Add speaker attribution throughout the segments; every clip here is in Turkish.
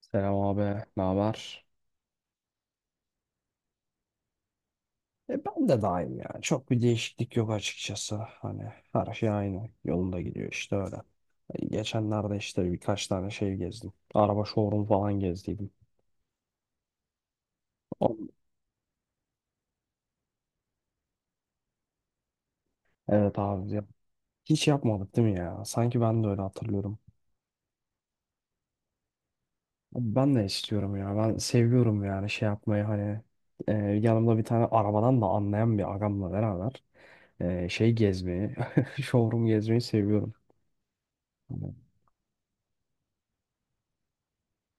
Speaker 1: Selam abi, ne haber? Ben de daim ya. Çok bir değişiklik yok açıkçası. Hani her şey aynı. Yolunda gidiyor işte öyle. Geçenlerde işte birkaç tane şey gezdim. Araba showroom falan gezdiydim. O- Evet abi ya. Hiç yapmadık değil mi ya? Sanki ben de öyle hatırlıyorum. Abi ben de istiyorum ya. Ben seviyorum yani şey yapmayı hani. Yanımda bir tane arabadan da anlayan bir agamla beraber şey gezmeyi, showroom gezmeyi seviyorum. Hani,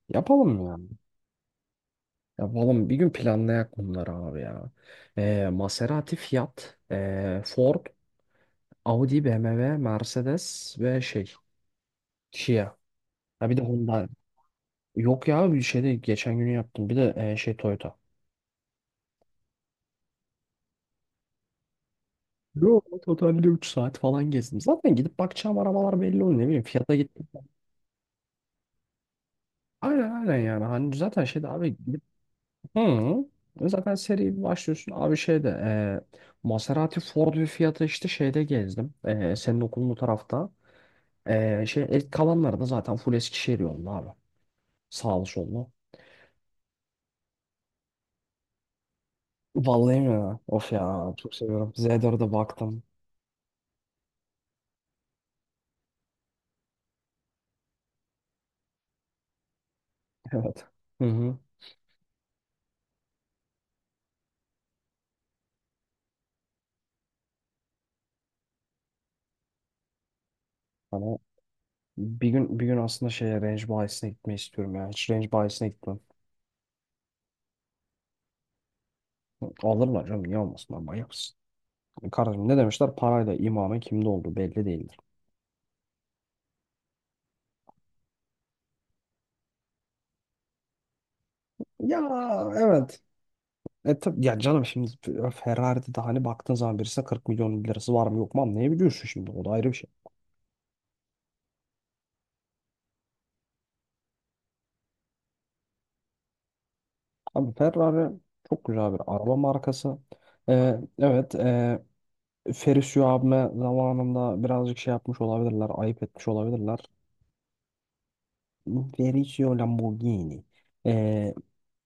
Speaker 1: yapalım mı ya? Ya oğlum bir gün planlayak bunları abi ya. Maserati, Fiat, Ford, Audi, BMW, Mercedes ve şey Kia. Ha bir de Honda. Yok ya bir şey de geçen günü yaptım. Bir de şey Toyota. Yo, totalde 3 saat falan gezdim. Zaten gidip bakacağım arabalar belli oluyor, ne bileyim. Fiat'a gittim. Aynen, aynen yani. Hani zaten şeyde abi gidip. Hı. Zaten seri bir başlıyorsun. Abi şeyde Maserati, Ford ve Fiat'ı işte şeyde gezdim. Senin okulun bu tarafta. Şey, el, kalanları da zaten full Eskişehir yolunda abi. Sağlı sollu. Vallahi mi ya? Of ya, çok seviyorum. Z4'e baktım. Evet. Hı hı. Hani bir gün aslında şeye range bayisine gitmeyi istiyorum ya. Hiç range bayisine gitmem. Alırlar canım, niye olmasın, ben manyak mısın? Kardeşim, ne demişler? Parayla imamın kimde olduğu belli değildir. Ya, evet. Tabii ya canım, şimdi Ferrari'de de hani baktığın zaman birisine 40 milyon lirası var mı yok mu anlayabiliyorsun şimdi. O da ayrı bir şey. Abi Ferrari çok güzel bir araba markası. Evet, Ferruccio abime zamanında birazcık şey yapmış olabilirler, ayıp etmiş olabilirler. Ferruccio Lamborghini. Ee,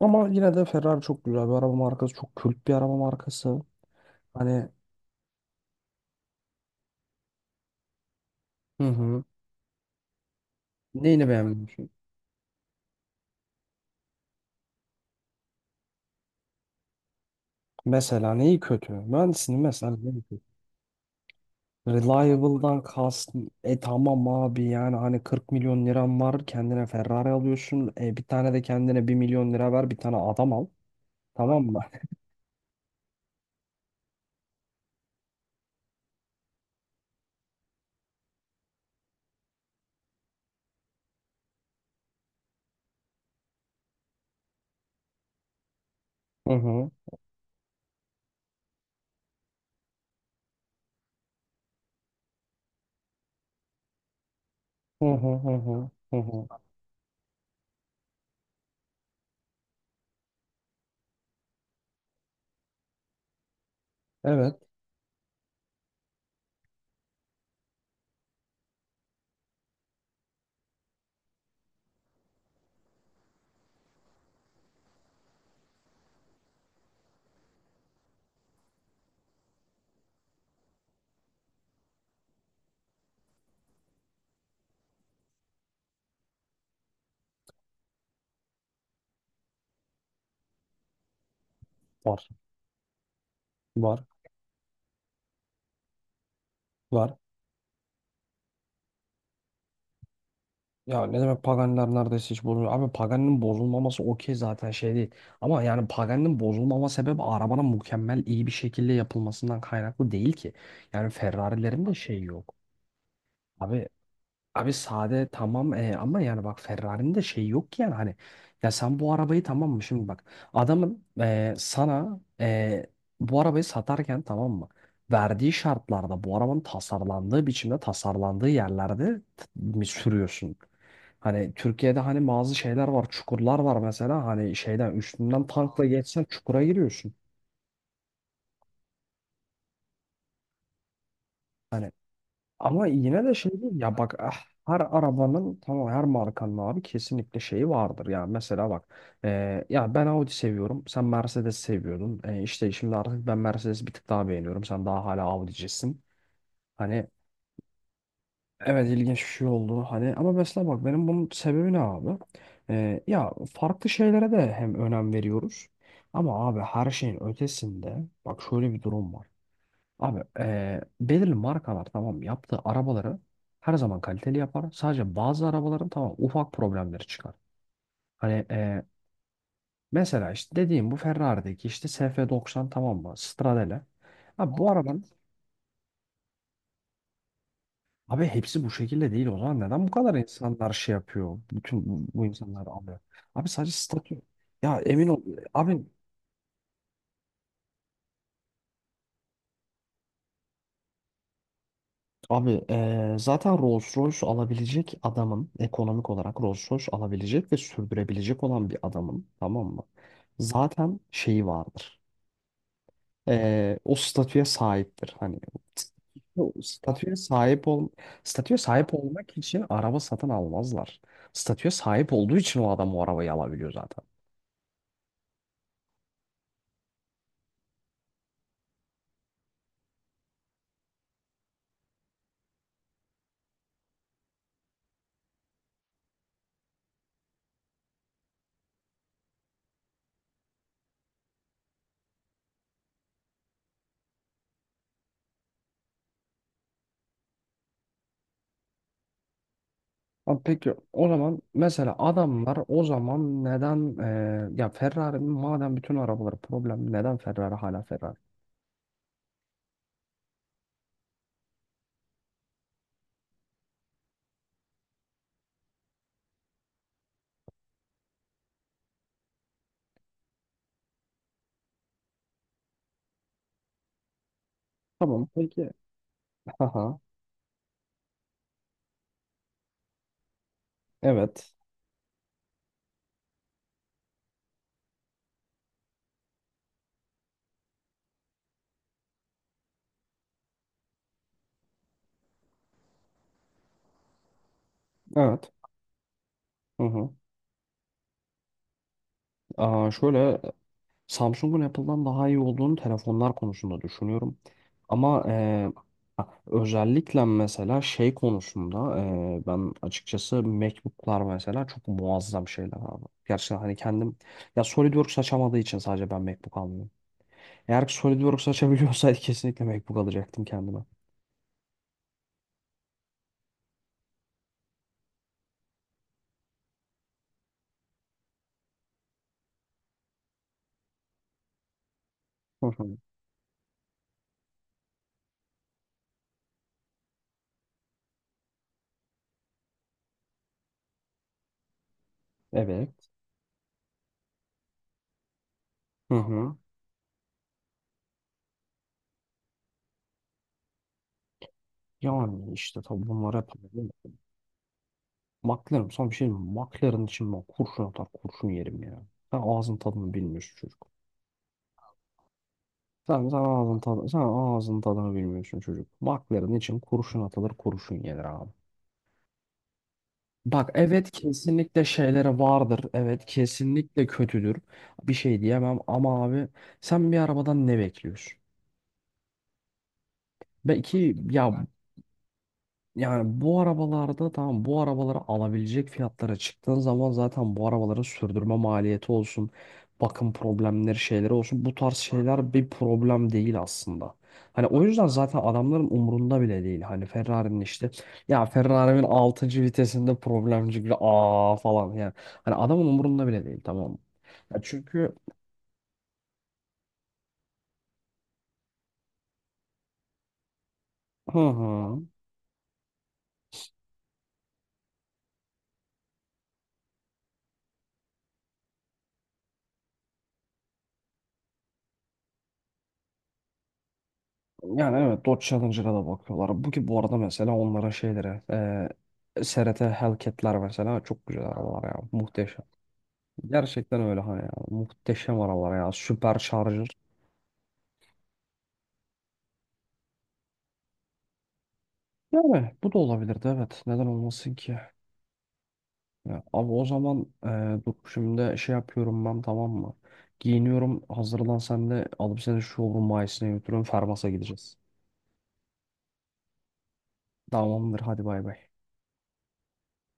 Speaker 1: Ama yine de Ferrari çok güzel bir araba markası, çok kült bir araba markası. Hani. Hı hı. Neyini beğenmiyorsun? Mesela neyi kötü? Mühendisliğin mesela neyi kötü? Reliable'dan kast. Tamam abi, yani hani 40 milyon liran var, kendine Ferrari alıyorsun. Bir tane de kendine 1 milyon lira ver, bir tane adam al. Tamam mı? Hı hı. Hı hı, hı hı. Hı hı. Evet, var, var, var. Ya ne demek, Paganiler neredeyse hiç bozulmuyor. Abi Pagani'nin bozulmaması okey zaten şey değil. Ama yani Pagani'nin bozulmama sebebi arabanın mükemmel iyi bir şekilde yapılmasından kaynaklı değil ki. Yani Ferrari'lerin de şeyi yok. Abi Abi, sade tamam, ama yani bak Ferrari'nin de şeyi yok ki, yani hani ya, sen bu arabayı, tamam mı, şimdi bak, adamın sana bu arabayı satarken, tamam mı, verdiği şartlarda, bu arabanın tasarlandığı biçimde, tasarlandığı yerlerde mi sürüyorsun? Hani Türkiye'de hani bazı şeyler var, çukurlar var mesela, hani şeyden üstünden tankla geçsen çukura giriyorsun. Hani, ama yine de şey değil ya bak, ah, her arabanın tamam, her markanın abi kesinlikle şeyi vardır. Yani mesela bak, ya ben Audi seviyorum, sen Mercedes seviyordun. İşte şimdi artık ben Mercedes bir tık daha beğeniyorum, sen daha hala Audi'cisin. Hani, evet, ilginç bir şey oldu hani, ama mesela bak, benim bunun sebebi ne abi? Ya farklı şeylere de hem önem veriyoruz. Ama abi her şeyin ötesinde, bak şöyle bir durum var. Abi belirli markalar tamam, yaptığı arabaları her zaman kaliteli yapar. Sadece bazı arabaların tamam ufak problemleri çıkar. Hani mesela işte dediğim bu Ferrari'deki işte SF90, tamam mı? Stradale. Abi bu arabanın, abi hepsi bu şekilde değil o zaman, neden bu kadar insanlar şey yapıyor? Bütün bu insanlar alıyor. Abi sadece statü. Ya emin ol abi. Abi zaten Rolls Royce alabilecek adamın, ekonomik olarak Rolls Royce alabilecek ve sürdürebilecek olan bir adamın, tamam mı? Zaten şeyi vardır. O statüye sahiptir. Hani o statüye sahip ol statüye sahip olmak için araba satın almazlar. Statüye sahip olduğu için o adam o arabayı alabiliyor zaten. Abi peki o zaman mesela adamlar o zaman neden ya Ferrari'nin madem bütün arabaları problem, neden Ferrari hala Ferrari? Tamam peki. Haha. Evet. Evet. Hı hı. Aa, şöyle, Samsung'un Apple'dan daha iyi olduğunu telefonlar konusunda düşünüyorum. Ama ha, özellikle mesela şey konusunda ben açıkçası MacBook'lar mesela çok muazzam şeyler abi. Gerçekten hani kendim, ya SolidWorks açamadığı için sadece ben MacBook almıyorum. Eğer ki SolidWorks açabiliyorsaydı kesinlikle MacBook alacaktım kendime. Hı hı. Evet. Hı hı. Yani işte tabii bunlar hep. McLaren, sana bir şey diyeyim mi? McLaren için ben kurşun atar kurşun yerim ya. Sen ağzın tadını bilmiyorsun çocuk. Sen ağzın tadını bilmiyorsun çocuk. McLaren için kurşun atılır kurşun yenir abi. Bak evet, kesinlikle şeylere vardır. Evet kesinlikle kötüdür. Bir şey diyemem, ama abi sen bir arabadan ne bekliyorsun? Belki ya. Yani bu arabalarda tamam, bu arabaları alabilecek fiyatlara çıktığın zaman zaten bu arabaların sürdürme maliyeti olsun, bakım problemleri şeyleri olsun, bu tarz şeyler bir problem değil aslında. Hani o yüzden zaten adamların umurunda bile değil. Hani Ferrari'nin işte, ya Ferrari'nin altıncı vitesinde problem çıktı, aa, falan yani. Hani adamın umurunda bile değil, tamam mı? Ya çünkü. Hı hı. Yani evet, Dodge Challenger'a da bakıyorlar. Bu arada mesela onların şeyleri, SRT Hellcat'ler mesela çok güzel arabalar ya. Muhteşem. Gerçekten öyle hani ya. Muhteşem arabalar ya. Süper Charger. Yani bu da olabilirdi evet. Neden olmasın ki? Ya, abi o zaman, dur şimdi şey yapıyorum ben, tamam mı? Giyiniyorum, hazırlan, sen de alıp seni şu showroom bayisine götürüyorum. Fermas'a gideceğiz. Tamamdır, hadi bay bay.